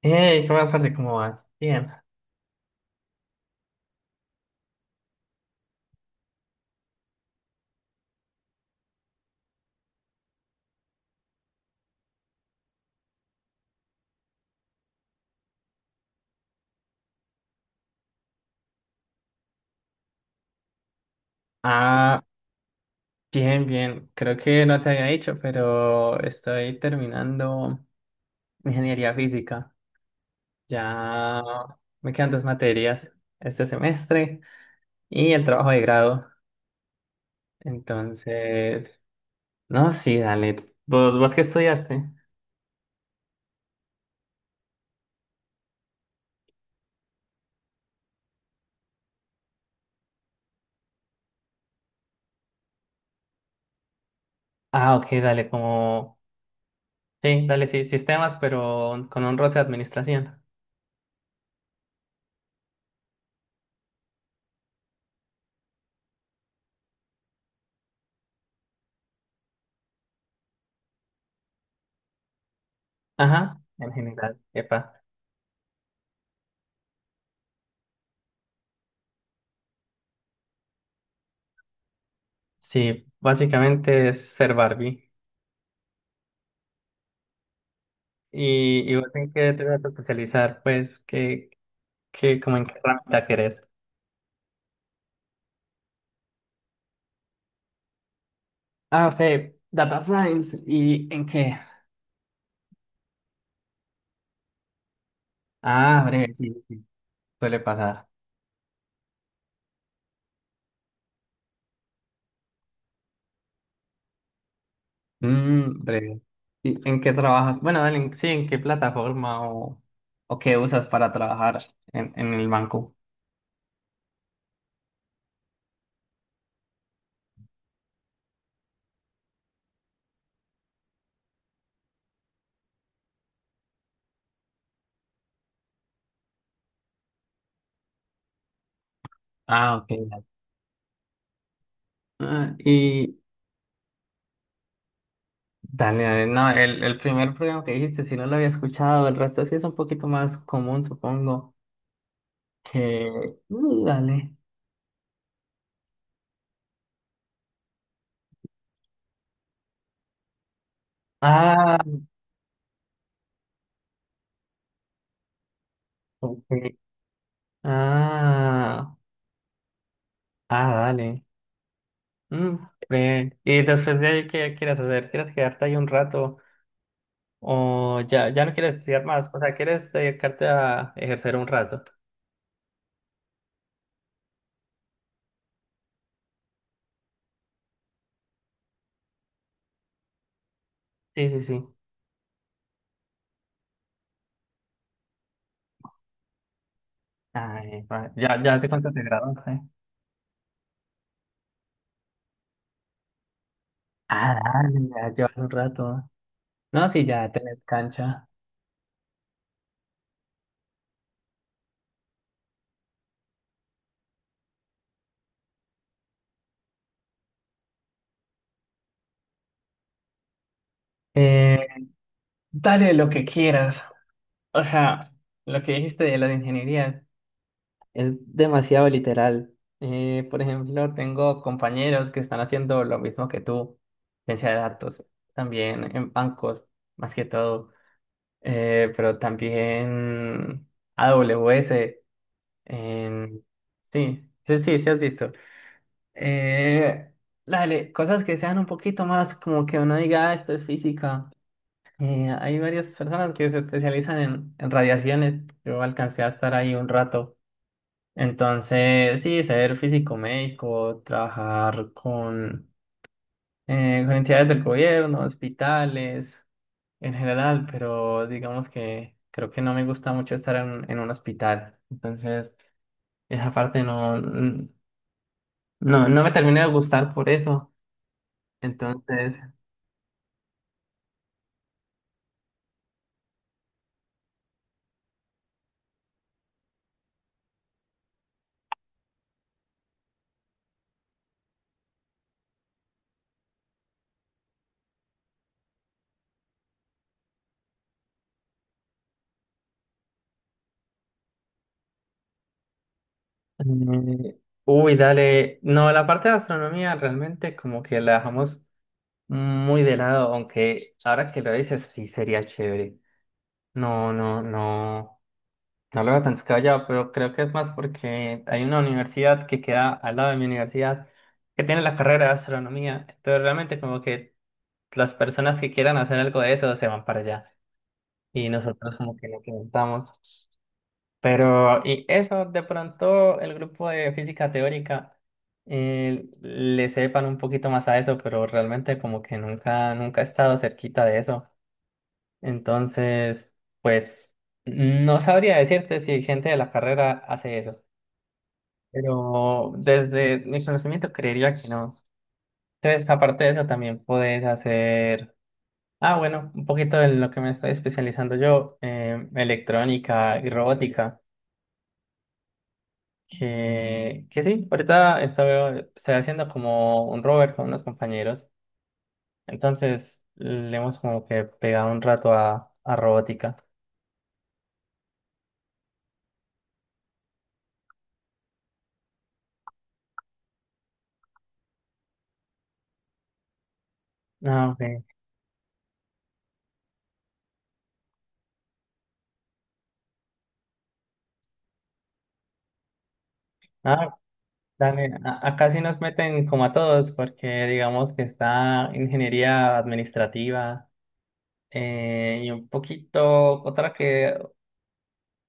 Hey, ¿qué más, parce? ¿Cómo vas? Bien. Ah, bien, bien. Creo que no te había dicho, pero estoy terminando ingeniería física. Ya me quedan dos materias este semestre y el trabajo de grado. Entonces, no, sí, dale. ¿¿Vos qué estudiaste? Ah, ok, dale, como... Sí, dale, sí, sistemas, pero con un roce de administración. Ajá, en general, epa. Sí, básicamente es ser Barbie. ¿Y vos en qué te vas a especializar? Pues, como en qué herramienta querés? Ah, ok, Data Science. ¿Y en qué? Ah, breve, sí, sí, suele pasar. Mm, breve. ¿Y en qué trabajas? Bueno, dale, sí, ¿en qué plataforma o qué usas para trabajar en el banco? Ah, ok. Dale. Ah, y dale, dale, no, el primer programa que dijiste, si no lo había escuchado, el resto sí es un poquito más común, supongo, que... Mm, dale. Ah. Ok. Ah, ah, dale. Mm, bien. Y después de ahí, ¿qué quieres hacer? ¿Quieres quedarte ahí un rato? ¿O ya, ya no quieres estudiar más? O sea, ¿quieres dedicarte a ejercer un rato? Sí, sí, sí. Ay, va. Ya, ya hace cuánto te graduaste. Ah, dale, ya llevas un rato. No, sí, ya tenés cancha. Eh, dale lo que quieras. O sea, lo que dijiste de las ingenierías. Es demasiado literal. Por ejemplo, tengo compañeros que están haciendo lo mismo que tú, ciencia de datos, también en bancos, más que todo, pero también AWS, en... sí, sí, sí, sí has visto. Eh, dale, cosas que sean un poquito más como que uno diga, "Ah, esto es física". Hay varias personas que se especializan en radiaciones. Yo alcancé a estar ahí un rato. Entonces, sí, ser físico médico, trabajar con entidades del gobierno, hospitales, en general, pero digamos que creo que no me gusta mucho estar en un hospital. Entonces, esa parte no, no me termina de gustar por eso. Entonces, eh, dale. No, la parte de astronomía realmente como que la dejamos muy de lado, aunque ahora que lo dices, sí sería chévere. No, no, no. No lo veo tan descabellado, pero creo que es más porque hay una universidad que queda al lado de mi universidad que tiene la carrera de astronomía. Entonces realmente como que las personas que quieran hacer algo de eso se van para allá y nosotros como que lo preguntamos. Pero y eso de pronto el grupo de física teórica le sepan un poquito más a eso, pero realmente como que nunca he estado cerquita de eso. Entonces, pues no sabría decirte si gente de la carrera hace eso. Pero desde mi conocimiento creería que no. Entonces, aparte de eso, también puedes hacer, ah, bueno, un poquito de lo que me estoy especializando yo, electrónica y robótica, que sí, ahorita estoy haciendo como un rover con unos compañeros. Entonces, le hemos como que pegado un rato a robótica. Ah, ok. Ah, dale, acá sí nos meten como a todos, porque digamos que está ingeniería administrativa. Y un poquito otra que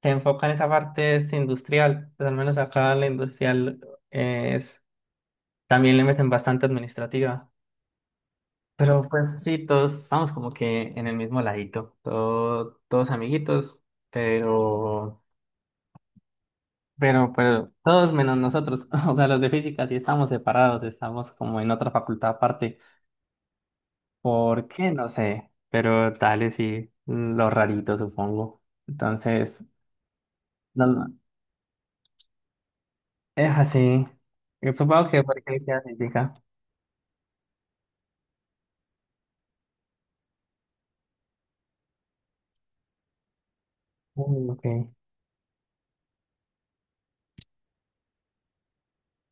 se enfoca en esa parte es industrial, pues al menos acá la industrial es también le meten bastante administrativa, pero pues sí, todos estamos como que en el mismo ladito, todos amiguitos, pero, pero todos menos nosotros, o sea, los de física sí estamos separados, estamos como en otra facultad aparte, ¿por qué? No sé, pero tal y sí, lo rarito supongo, entonces... No, no. Es así. Yo supongo que porque decía científica. Mm, ok.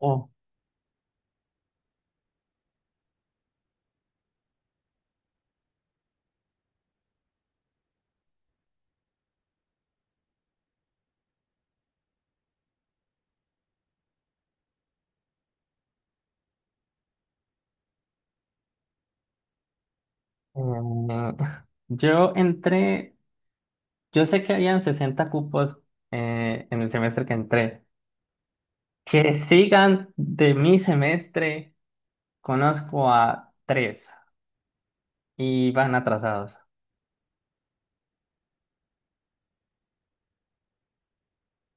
Oh, em, yo entré, yo sé que habían 60 cupos en el semestre que entré. Que sigan de mi semestre, conozco a tres y van atrasados.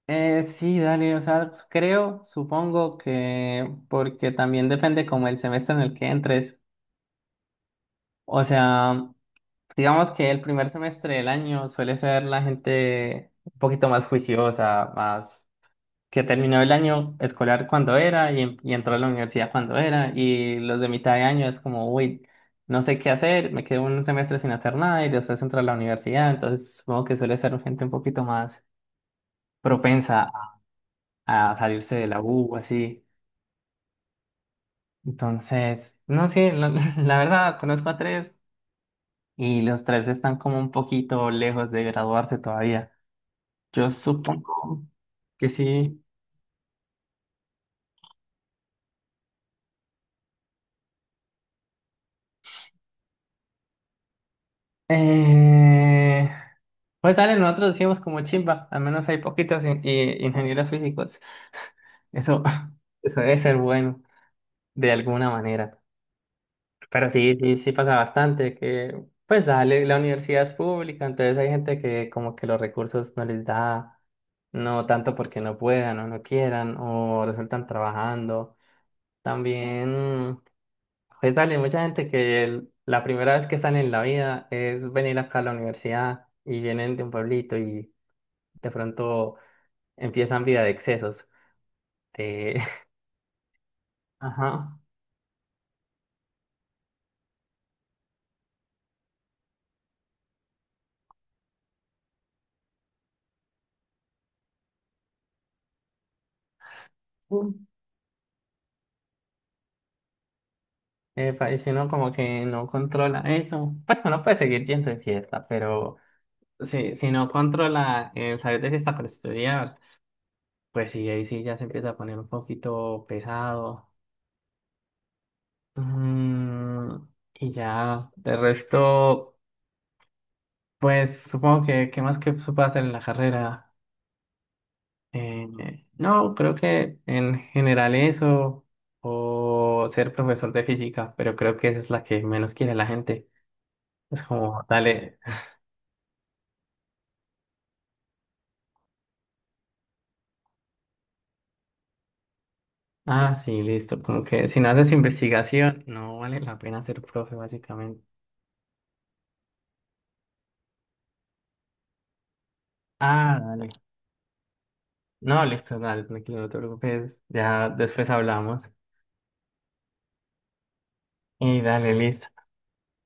Sí, dale, o sea, creo, supongo que porque también depende como el semestre en el que entres. O sea, digamos que el primer semestre del año suele ser la gente un poquito más juiciosa, más que terminó el año escolar cuando era y entró a la universidad cuando era, y los de mitad de año es como, uy, no sé qué hacer, me quedo un semestre sin hacer nada y después entro a la universidad, entonces supongo que suele ser gente un poquito más propensa a salirse de la U, así. Entonces, no sé, la, la verdad, conozco a tres y los tres están como un poquito lejos de graduarse todavía. Yo supongo que sí. Eh, pues dale, nosotros decimos como chimba, al menos hay poquitos ingenieros físicos. Eso, eso debe ser bueno de alguna manera. Pero sí, sí, sí pasa bastante que, pues dale, la universidad es pública, entonces hay gente que como que los recursos no les da, no tanto porque no puedan o no quieran o resultan trabajando. También. Pues dale, mucha gente que la primera vez que salen en la vida es venir acá a la universidad y vienen de un pueblito y de pronto empiezan vida de excesos. De- Ajá. Mm. Epa, y si uno como que no controla eso, pues uno puede seguir yendo de fiesta, pero si no controla el salir de fiesta para estudiar, pues sí, ahí sí ya se empieza a poner un poquito pesado. Mm, y ya, de resto. Pues supongo que, ¿qué más que se puede hacer en la carrera? No, creo que en general eso, o ser profesor de física, pero creo que esa es la que menos quiere la gente. Es como, dale, ah, sí, listo, como que si no haces investigación, no vale la pena ser profe, básicamente. Ah, dale. No, listo, dale, tranquilo, no te preocupes, ya después hablamos. Y dale, listo.